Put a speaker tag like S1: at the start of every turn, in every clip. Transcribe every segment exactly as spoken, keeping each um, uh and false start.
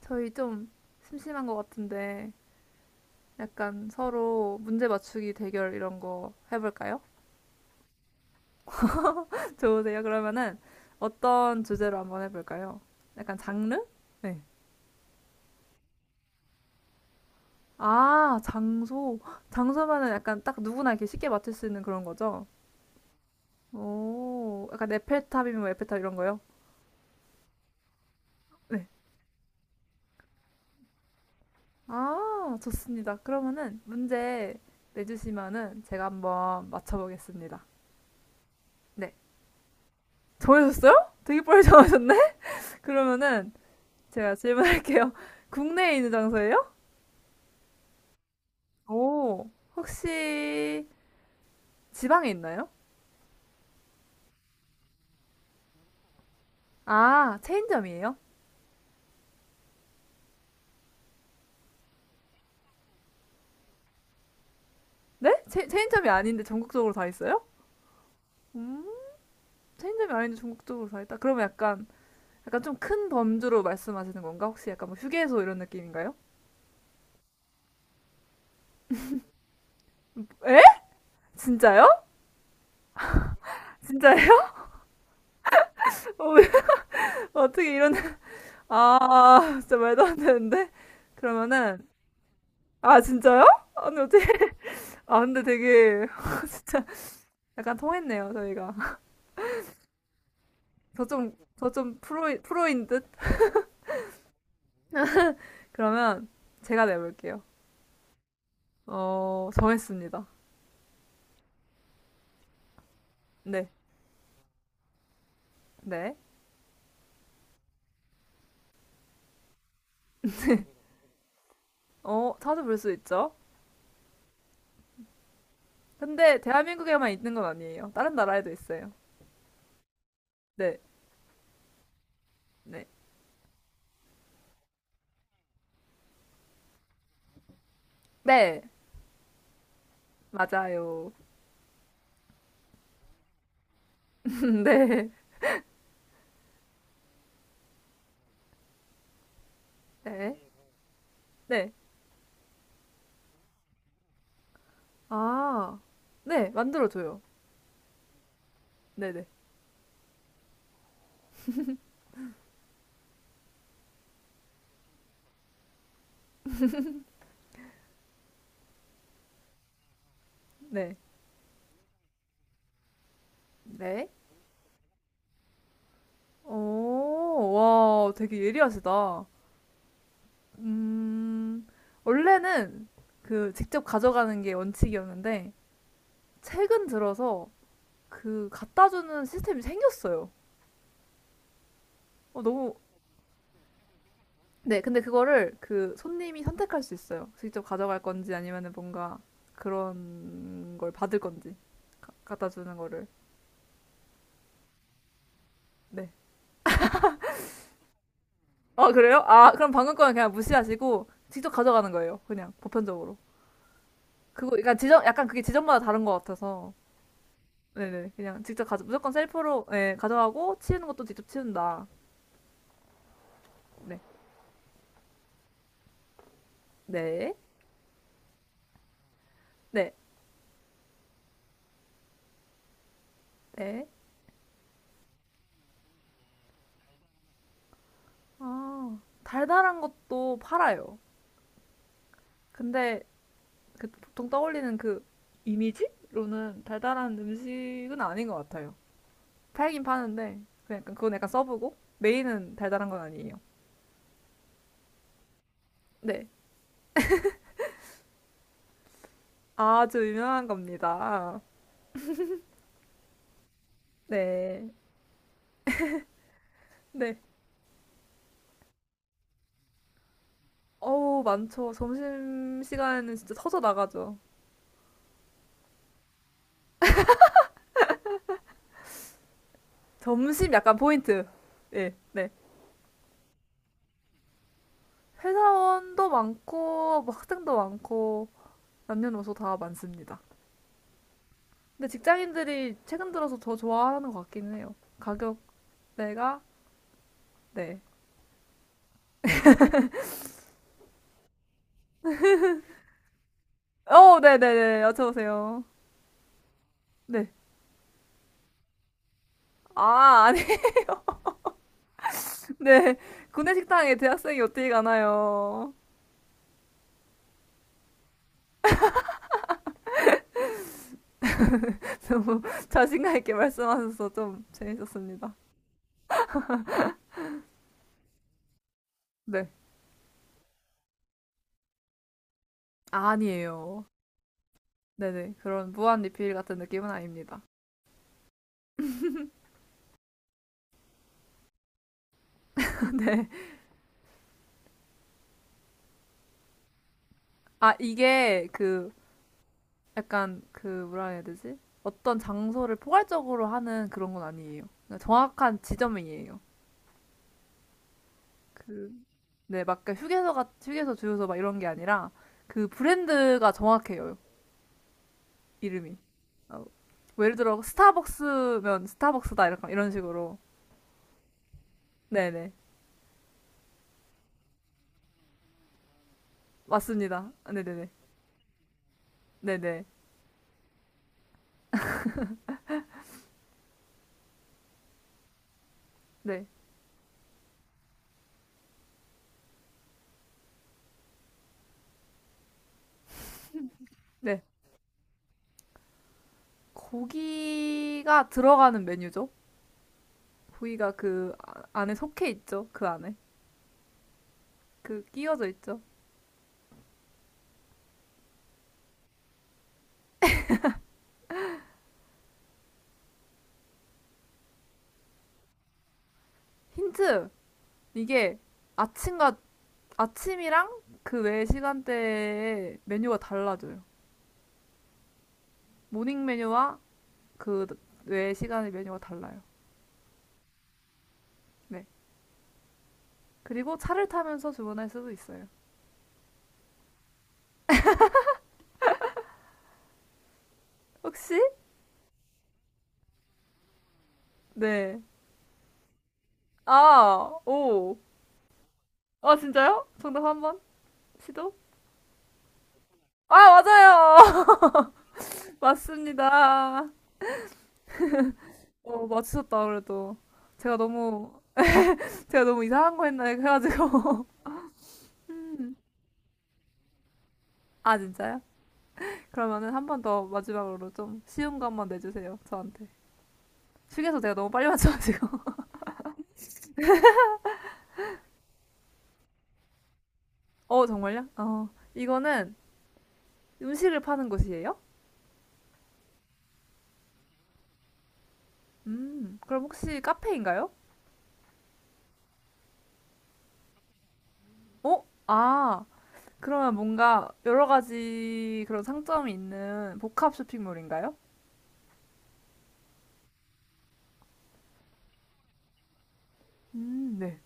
S1: 저희 좀 심심한 것 같은데 약간 서로 문제 맞추기 대결 이런 거 해볼까요? 좋으세요? 그러면은 어떤 주제로 한번 해볼까요? 약간 장르? 네. 아, 장소. 장소면은 약간 딱 누구나 이렇게 쉽게 맞출 수 있는 그런 거죠? 오, 약간 에펠탑이면 뭐 에펠탑 이런 거요? 네. 아, 좋습니다. 그러면은 문제 내주시면은 제가 한번 맞춰보겠습니다. 네. 정해졌어요? 되게 빨리 정하셨네? 그러면은 제가 질문할게요. 국내에 있는 장소예요? 오. 혹시 지방에 있나요? 아, 체인점이에요? 네? 체, 체인점이 아닌데 전국적으로 다 있어요? 음, 체인점이 아닌데 전국적으로 다 있다. 그러면 약간 약간 좀 큰 범주로 말씀하시는 건가? 혹시 약간 뭐 휴게소 이런 느낌인가요? 에? 진짜요? 진짜예요? 어, 왜- 어떻게 이런 아, 진짜 말도 안 되는데. 그러면은 아, 진짜요? 아니 어떻게? 아, 근데 되게 진짜 약간 통했네요, 저희가. 저 좀, 저 좀 프로, 프로인 듯? 그러면 제가 내볼게요. 어, 정했습니다. 네, 네. 어, 찾아볼 수 있죠. 근데 대한민국에만 있는 건 아니에요. 다른 나라에도 있어요. 네, 네. 네, 맞아요. 네, 네, 네. 아, 네, 만들어줘요. 네네, 네, 네. 네. 오, 와, 되게 예리하시다. 음, 원래는 그 직접 가져가는 게 원칙이었는데, 최근 들어서 그 갖다 주는 시스템이 생겼어요. 어, 너무 네, 근데 그거를 그 손님이 선택할 수 있어요. 직접 가져갈 건지 아니면은 뭔가 그런 걸 받을 건지 갖다 주는 거를. 네. 어, 그래요? 아, 그럼 방금 거는 그냥 무시하시고 직접 가져가는 거예요. 그냥 보편적으로. 그거 약간 지점 약간 그게 지점마다 다른 것 같아서. 네네. 그냥 직접 가져 무조건 셀프로 네, 가져가고 치우는 것도 직접 치운다. 네. 네. 네. 네. 아, 달달한 것도 팔아요. 근데 그 보통 떠올리는 그 이미지로는 달달한 음식은 아닌 것 같아요. 팔긴 파는데 그 약간 그건 약간 서브고 메인은 달달한 건 아니에요. 네, 아주 유명한 겁니다. 네, 네. 어우 많죠. 점심 시간에는 진짜 터져 나가죠. 점심 약간 포인트. 네, 네. 회사원도 많고 뭐 학생도 많고 남녀노소 다 많습니다. 근데 직장인들이 최근 들어서 더 좋아하는 것 같기는 해요. 가격대가, 네. 어, 네네네. 여쭤보세요. 네. 아, 아니, 네. 구내 식당에 대학생이 어떻게 가나요? 너무 자신감 있게 말씀하셔서 좀 재밌었습니다. 네. 아니에요. 네네. 그런 무한 리필 같은 느낌은 아닙니다. 네. 아, 이게 그, 약간 그, 뭐라 해야 되지? 어떤 장소를 포괄적으로 하는 그런 건 아니에요. 그 정확한 지점이에요. 그, 네, 막 그 휴게소 같 휴게소 주유소 막 이런 게 아니라 그 브랜드가 정확해요. 이름이. 어, 뭐 예를 들어 스타벅스면 스타벅스다 이런 이런 식으로. 네, 네. 맞습니다. 네, 네, 네. 네, 네. 네. 네. 고기가 들어가는 메뉴죠. 고기가 그 아- 안에 속해 있죠. 그 안에. 그 끼워져 있죠. 힌트. 이게 아침과 아침이랑 그 외 시간대에 메뉴가 달라져요. 모닝 메뉴와 그 외 시간의 메뉴가 달라요. 네. 그리고 차를 타면서 주문할 수도 있어요. 혹시? 네. 아, 오. 아, 진짜요? 정답 한 번? 시도? 아, 맞아요! 맞습니다. 어, 맞추셨다, 그래도. 제가 너무, 제가 너무 이상한 거 했나 해가지고. 아, 진짜요? 그러면은 한 번 더 마지막으로 좀 쉬운 거 한번 내주세요, 저한테. 휴게소 제가 너무 빨리 맞춰가지고. 어, 정말요? 어, 이거는 음식을 파는 곳이에요? 음, 그럼 혹시 카페인가요? 어? 아, 그러면 뭔가 여러 가지 그런 상점이 있는 복합 쇼핑몰인가요? 음, 네.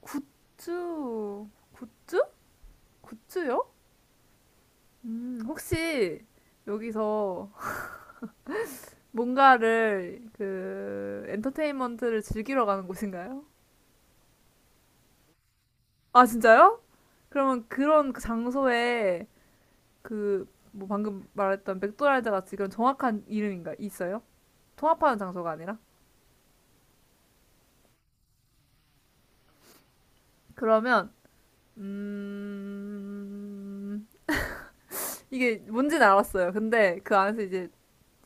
S1: 굿즈, 굿즈? 굿즈요? 음, 혹시 여기서 뭔가를 그 엔터테인먼트를 즐기러 가는 곳인가요? 아, 진짜요? 그러면 그런 그 장소에 그 뭐 방금 말했던 맥도날드 같이 그런 정확한 이름인가 있어요? 통합하는 장소가 아니라? 그러면 음, 이게 뭔지는 알았어요. 근데 그 안에서 이제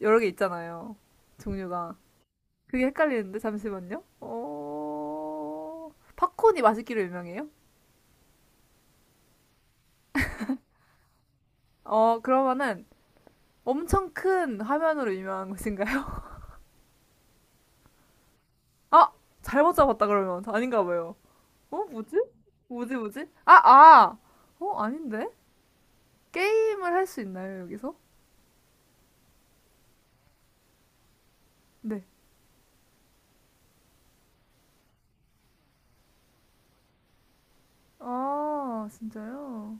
S1: 여러 개 있잖아요. 종류가. 그게 헷갈리는데, 잠시만요. 어, 팝콘이 맛있기로 유명해요? 어, 그러면은 엄청 큰 화면으로 유명한 것인가요? 아! 잘못 잡았다, 그러면. 아닌가 봐요. 어, 뭐지? 뭐지, 뭐지? 아, 아! 어, 아닌데? 게임을 할 수 있나요, 여기서? 네. 아, 진짜요?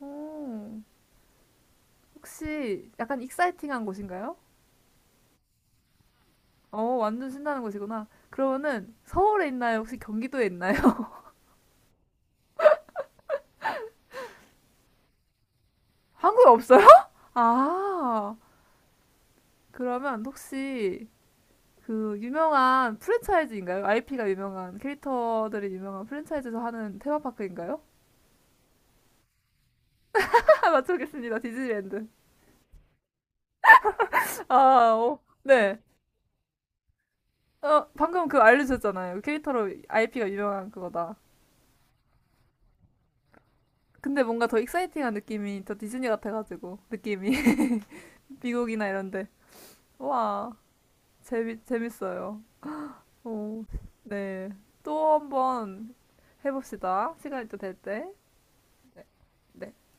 S1: 어. 혹시 약간 익사이팅한 곳인가요? 어, 완전 신나는 곳이구나. 그러면은 서울에 있나요? 혹시 경기도에 있나요? 한국에 없어요? 아, 그러면 혹시 그 유명한 프랜차이즈인가요? 아이피가 유명한 캐릭터들이 유명한 프랜차이즈에서 하는 테마파크인가요? 맞춰보겠습니다. 디즈니랜드. 아, 어, 네. 어, 방금 그 알려주셨잖아요. 그 캐릭터로 아이피가 유명한 그거다. 근데 뭔가 더 익사이팅한 느낌이 더 디즈니 같아가지고 느낌이 미국이나 이런데. 와. 재미, 재밌어요. 오, 네. 또 한번 해봅시다. 시간이 또 될 때. 네. 네.